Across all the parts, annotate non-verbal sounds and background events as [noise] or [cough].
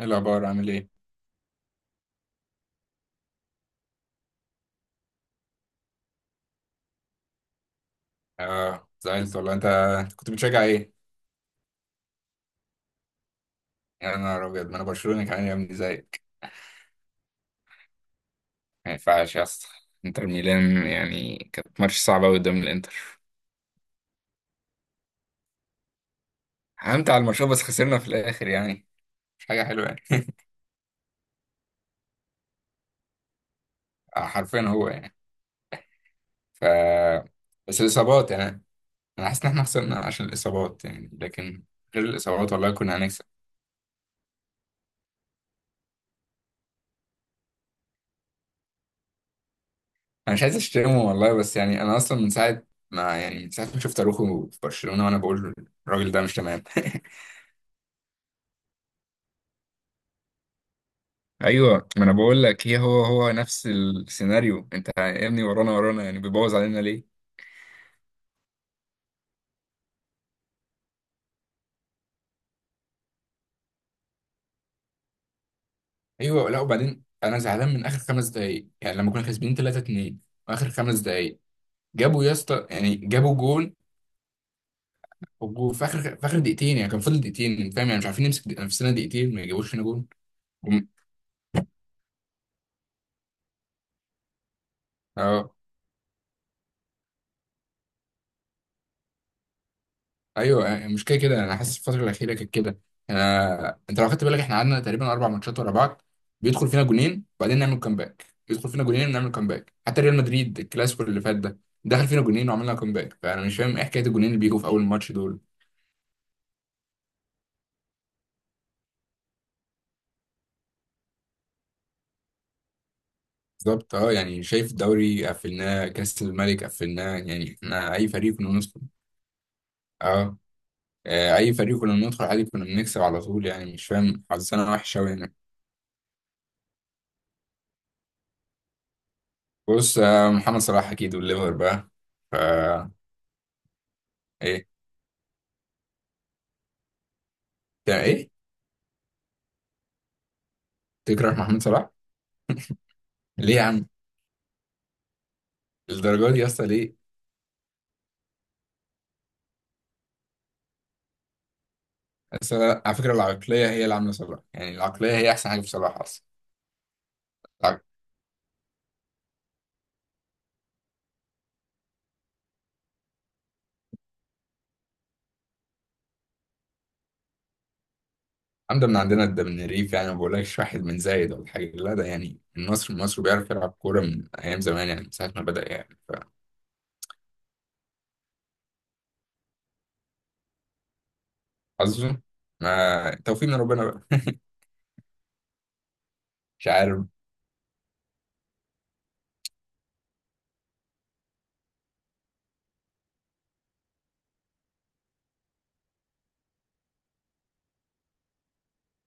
ايه الاخبار، عامل ايه؟ اه، زعلت والله. أنت كنت بتشجع ايه؟ يا نهار ابيض، ما انا برشلوني كمان يا ابني زيك. ما ينفعش يا اسطى. انتر ميلان يعني، كانت ماتش صعبه أوي قدام الانتر. حمت على الماتش بس خسرنا في الاخر يعني، مش حاجه حلوه يعني. [laughs] آه، حرفيا هو يعني. ف بس الاصابات يعني. انا حاسس ان احنا خسرنا عشان الاصابات يعني، لكن غير الاصابات والله كنا هنكسب. انا مش عايز اشتمه والله، بس يعني انا اصلا من ساعه ما شفت اروخو في برشلونه وانا بقول الراجل ده مش تمام. [laughs] ايوه، ما انا بقول لك، هي هو نفس السيناريو. انت يا ابني ورانا ورانا يعني، بيبوظ علينا ليه؟ ايوه. لا، وبعدين انا زعلان من اخر خمس دقايق يعني. لما كنا كاسبين 3-2، واخر خمس دقايق جابوا يا اسطى، يعني جابوا جون. في اخر دقيقتين يعني، كان فاضل دقيقتين فاهم يعني، مش عارفين نمسك نفسنا دقيقتين ما يجيبوش فينا جون. وم- اه. ايوه. آه، مش كده كده، انا حاسس الفتره الاخيره كانت كده. يعني انت لو خدت بالك، احنا قعدنا تقريبا اربع ماتشات ورا بعض بيدخل فينا جونين وبعدين نعمل كومباك، يدخل فينا جونين ونعمل كومباك. حتى ريال مدريد، الكلاسيكو اللي فات ده، دخل فينا جونين وعملنا كومباك. فانا مش فاهم ايه حكايه الجونين اللي بيجوا في اول ماتش دول. بالظبط. اه يعني شايف، الدوري قفلناه، كاس الملك قفلناه، يعني احنا اي فريق كنا بندخل. اه. اي فريق كنا بندخل عادي كنا بنكسب على طول يعني، مش فاهم حظنا وحش قوي هنا. بص، آه، محمد صلاح اكيد والليفر بقى. ف يعني ايه؟ تكره محمد صلاح؟ ليه يا عم؟ الدرجه دي يا اسطى، ليه؟ على فكره، العقليه هي اللي عامله صلاح يعني، العقليه هي احسن حاجه في صلاح اصلا. العق- الحمد من عندنا، ده من الريف يعني، ما بقولكش واحد من زايد ولا حاجه، لا ده يعني النصر المصري بيعرف يلعب كوره من ايام زمان يعني، من ساعه ما بدا يعني. فحظه. ما توفيق من ربنا بقى. [laughs] مش عارف.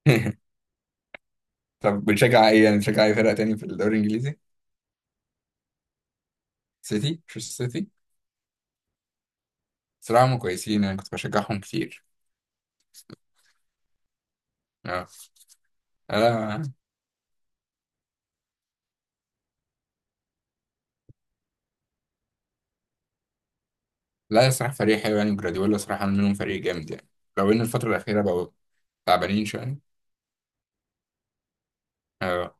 [laughs] طب بتشجع ايه يعني، بتشجع اي فرقه تاني في الدوري الانجليزي؟ سيتي، مش سيتي؟ صراحه هم كويسين يعني، كنت بشجعهم كتير. اه. أنا. لا الصراحة فريق حلو يعني، وجراديولا صراحة عامل منهم فريق جامد يعني. لو إن الفترة الأخيرة بقوا تعبانين شوية. أه.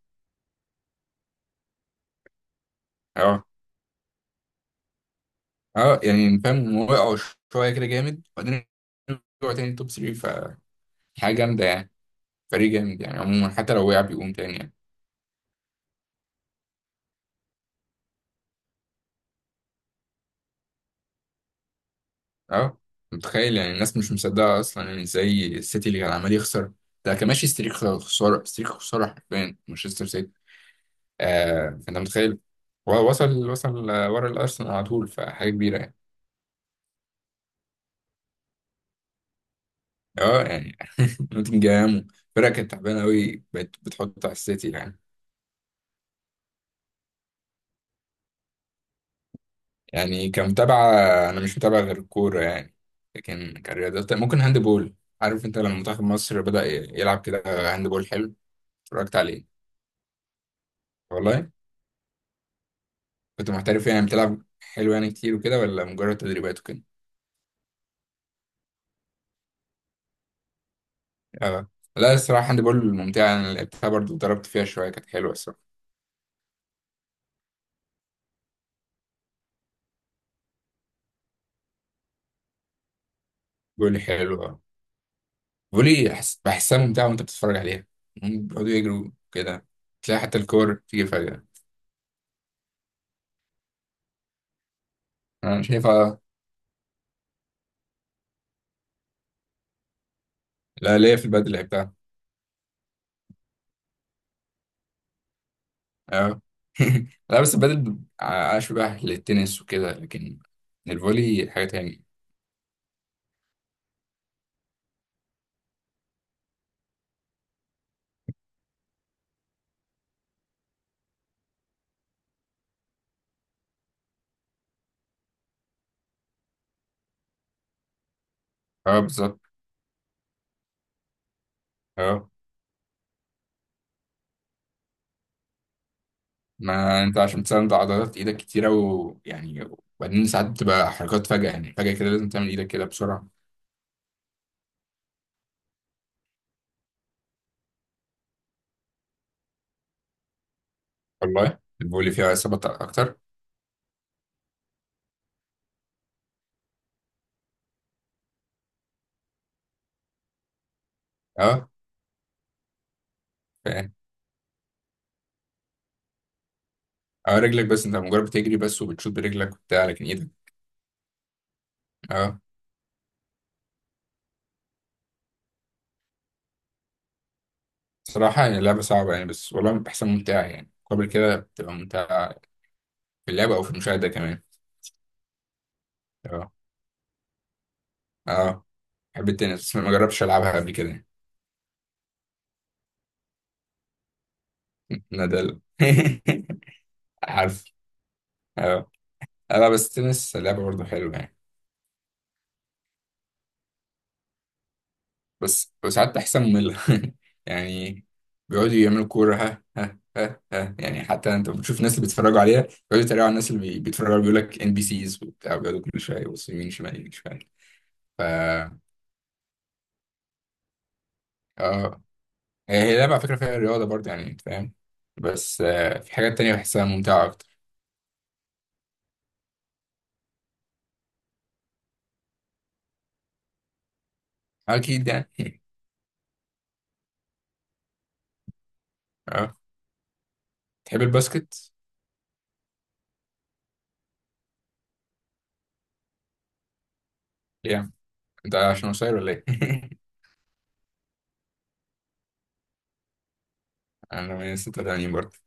أه. أه يعني فاهم، وقعوا شوية كده جامد وبعدين رجعوا تاني توب 3، فحاجة جامدة يعني. فريق جامد يعني عموما، حتى لو وقع بيقوم تاني يعني. أه، متخيل يعني، الناس مش مصدقة أصلا يعني، إزاي السيتي اللي كان عمال يخسر، ده كان ماشي ستريك خسارة، ستريك خسارة، حرفيا مانشستر سيتي. أه، فأنت متخيل. هو وصل، وصل ورا الأرسنال على طول، فحاجة كبيرة يعني. اه يعني [laughs] نوتنجهام، فرقة كانت تعبانة أوي بقت بتحط على السيتي يعني. يعني كمتابعة، أنا مش متابع غير الكورة يعني، لكن كرياضات ممكن هاند بول. عارف أنت لما منتخب مصر بدأ يلعب كده هاند بول حلو، اتفرجت عليه. والله كنت محترف يعني، بتلعب حلو يعني كتير وكده، ولا مجرد تدريبات وكده؟ اه. لا الصراحة هاند بول ممتعة، أنا لعبتها برضه، ضربت فيها شوية، كانت حلوة الصراحة. جول حلو. بيقول لي بحسها ممتعة وأنت بتتفرج عليها، هم بيقعدوا يجروا كده، تلاقي حتى الكور تيجي فجأة. أنا شايفها. لا ليا في البدل بتاع. أه. [laughs] لا، بس البدل أشبه للتنس وكده، لكن الفولي حاجة تانية. أه بالظبط. أه، ما أنت عشان تساند عضلات إيدك كتيرة ويعني، وبعدين ساعات بتبقى حركات فجأة يعني، فجأة كده لازم تعمل إيدك كده بسرعة. والله الفولي فيها إصابات أكتر. أه فاهم. أه، رجلك بس، أنت مجرد بتجري بس وبتشوط برجلك وبتاع، لكن إيدك. أه. صراحة هي لعبة صعبة يعني، بس والله بتحسن ممتعة يعني، قبل كده بتبقى ممتعة. في اللعبة أو في المشاهدة كمان؟ اه. اه، بحب التنس، بس ما جربتش ألعبها قبل كده. [laughs] نادال. [laughs] عارف. اه. أه، لا بس التنس لعبة برضه حلوة يعني. بس وساعات بحسها مملة. [laughs] يعني بيقعدوا يعملوا كورة، ها ها ها ها، يعني حتى أنت بتشوف الناس اللي بيتفرجوا عليها بيقعدوا يتريقوا على الناس اللي بيتفرجوا عليها، بيقول لك إن بي سيز وبتاع، بيقعدوا كل شوية يبصوا يمين شمال يمين شمال. ف اه. هي لعبة على فكرة فيها رياضة برضه يعني، أنت فاهم، بس آه، في حاجات تانية بحسها ممتعة أكتر. أكيد يعني. [laughs] أه. تحب الباسكت؟ ليه؟ أنت عشان قصير ولا إيه؟ [laughs] أنا من 86 برضه،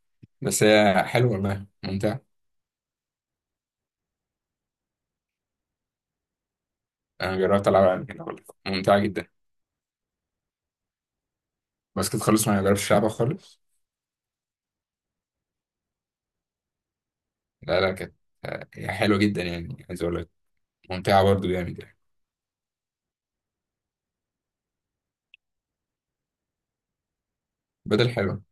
بس هي حلوة والله، ممتعة. أنا جربت ألعبها قبل كده والله، ممتعة جدا. الباسكت خالص ما جربتش ألعبها خالص. لا لا، كانت آه، هي حلوة جدا يعني، عايز أقول لك، ممتعة برضه جامد يعني. بدل حلوة.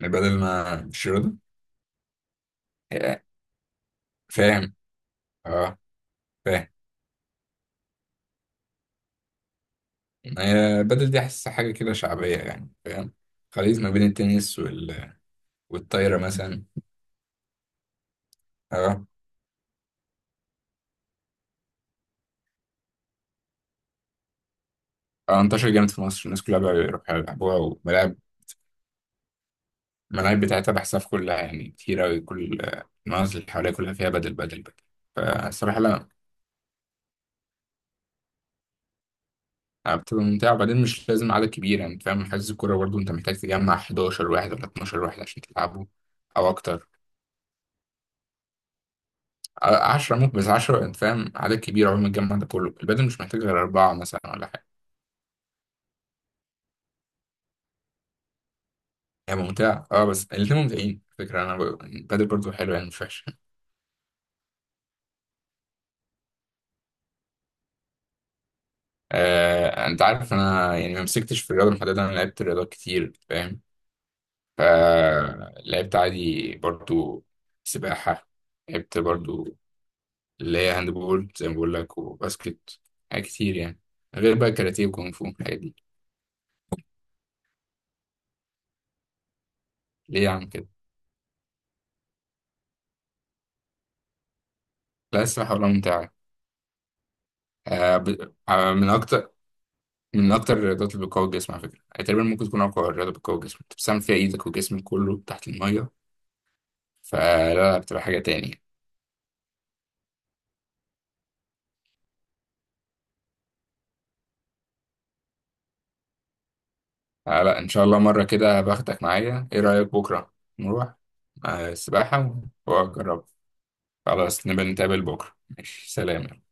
يعني بدل ما مش رياضة. آه، فاهم. أه فاهم. هي بدل دي حاسس حاجة كده شعبية يعني، فاهم، خليط ما بين التنس والطايرة مثلا. اه. اه، انتشر جامد في مصر، الناس كلها بقى بيروحوا يلعبوها، والملاعب، الملاعب بتاعتها بحسها في كلها يعني، كتير أوي كل آه، المناطق اللي حواليها كلها فيها بدل بدل بدل. فالصراحة لا، آه، بتبقى ممتعة، وبعدين مش لازم عدد كبير يعني فاهم. حجز الكورة برضه أنت محتاج تجمع 11 واحد ولا 12 واحد عشان تلعبه. أو أكتر. 10 ممكن، بس 10 أنت فاهم، عدد كبير عقبال ما تجمع ده كله. البدل مش محتاج غير أربعة مثلا ولا حاجة. هي ممتعة اه، بس الاتنين ممتعين على فكرة، انا البادل برضو حلو يعني، مش وحش. آه انت عارف انا يعني ما مسكتش في الرياضة محددة، انا لعبت رياضات كتير فاهم. فلعبت عادي برضو سباحة، لعبت برضو اللي هي هاند بول زي ما بقول لك، وباسكت، حاجات كتير يعني، غير بقى كاراتيه وكونغ فو الحاجات دي. ليه يا عم كده؟ لا السباحة ولا ممتعة. آه آه من أكتر الرياضات اللي بتقوي الجسم على فكرة يعني، تقريبا ممكن تكون أقوى رياضة بتقوي الجسم. أنت بتستعمل فيها إيدك وجسمك كله تحت المية، فلا لا، بتبقى حاجة تاني. آه لا، إن شاء الله مرة كده باخدك معايا، إيه رأيك بكرة؟ نروح؟ آه السباحة، وأجرب. خلاص نبقى نتقابل بكرة، ماشي سلام.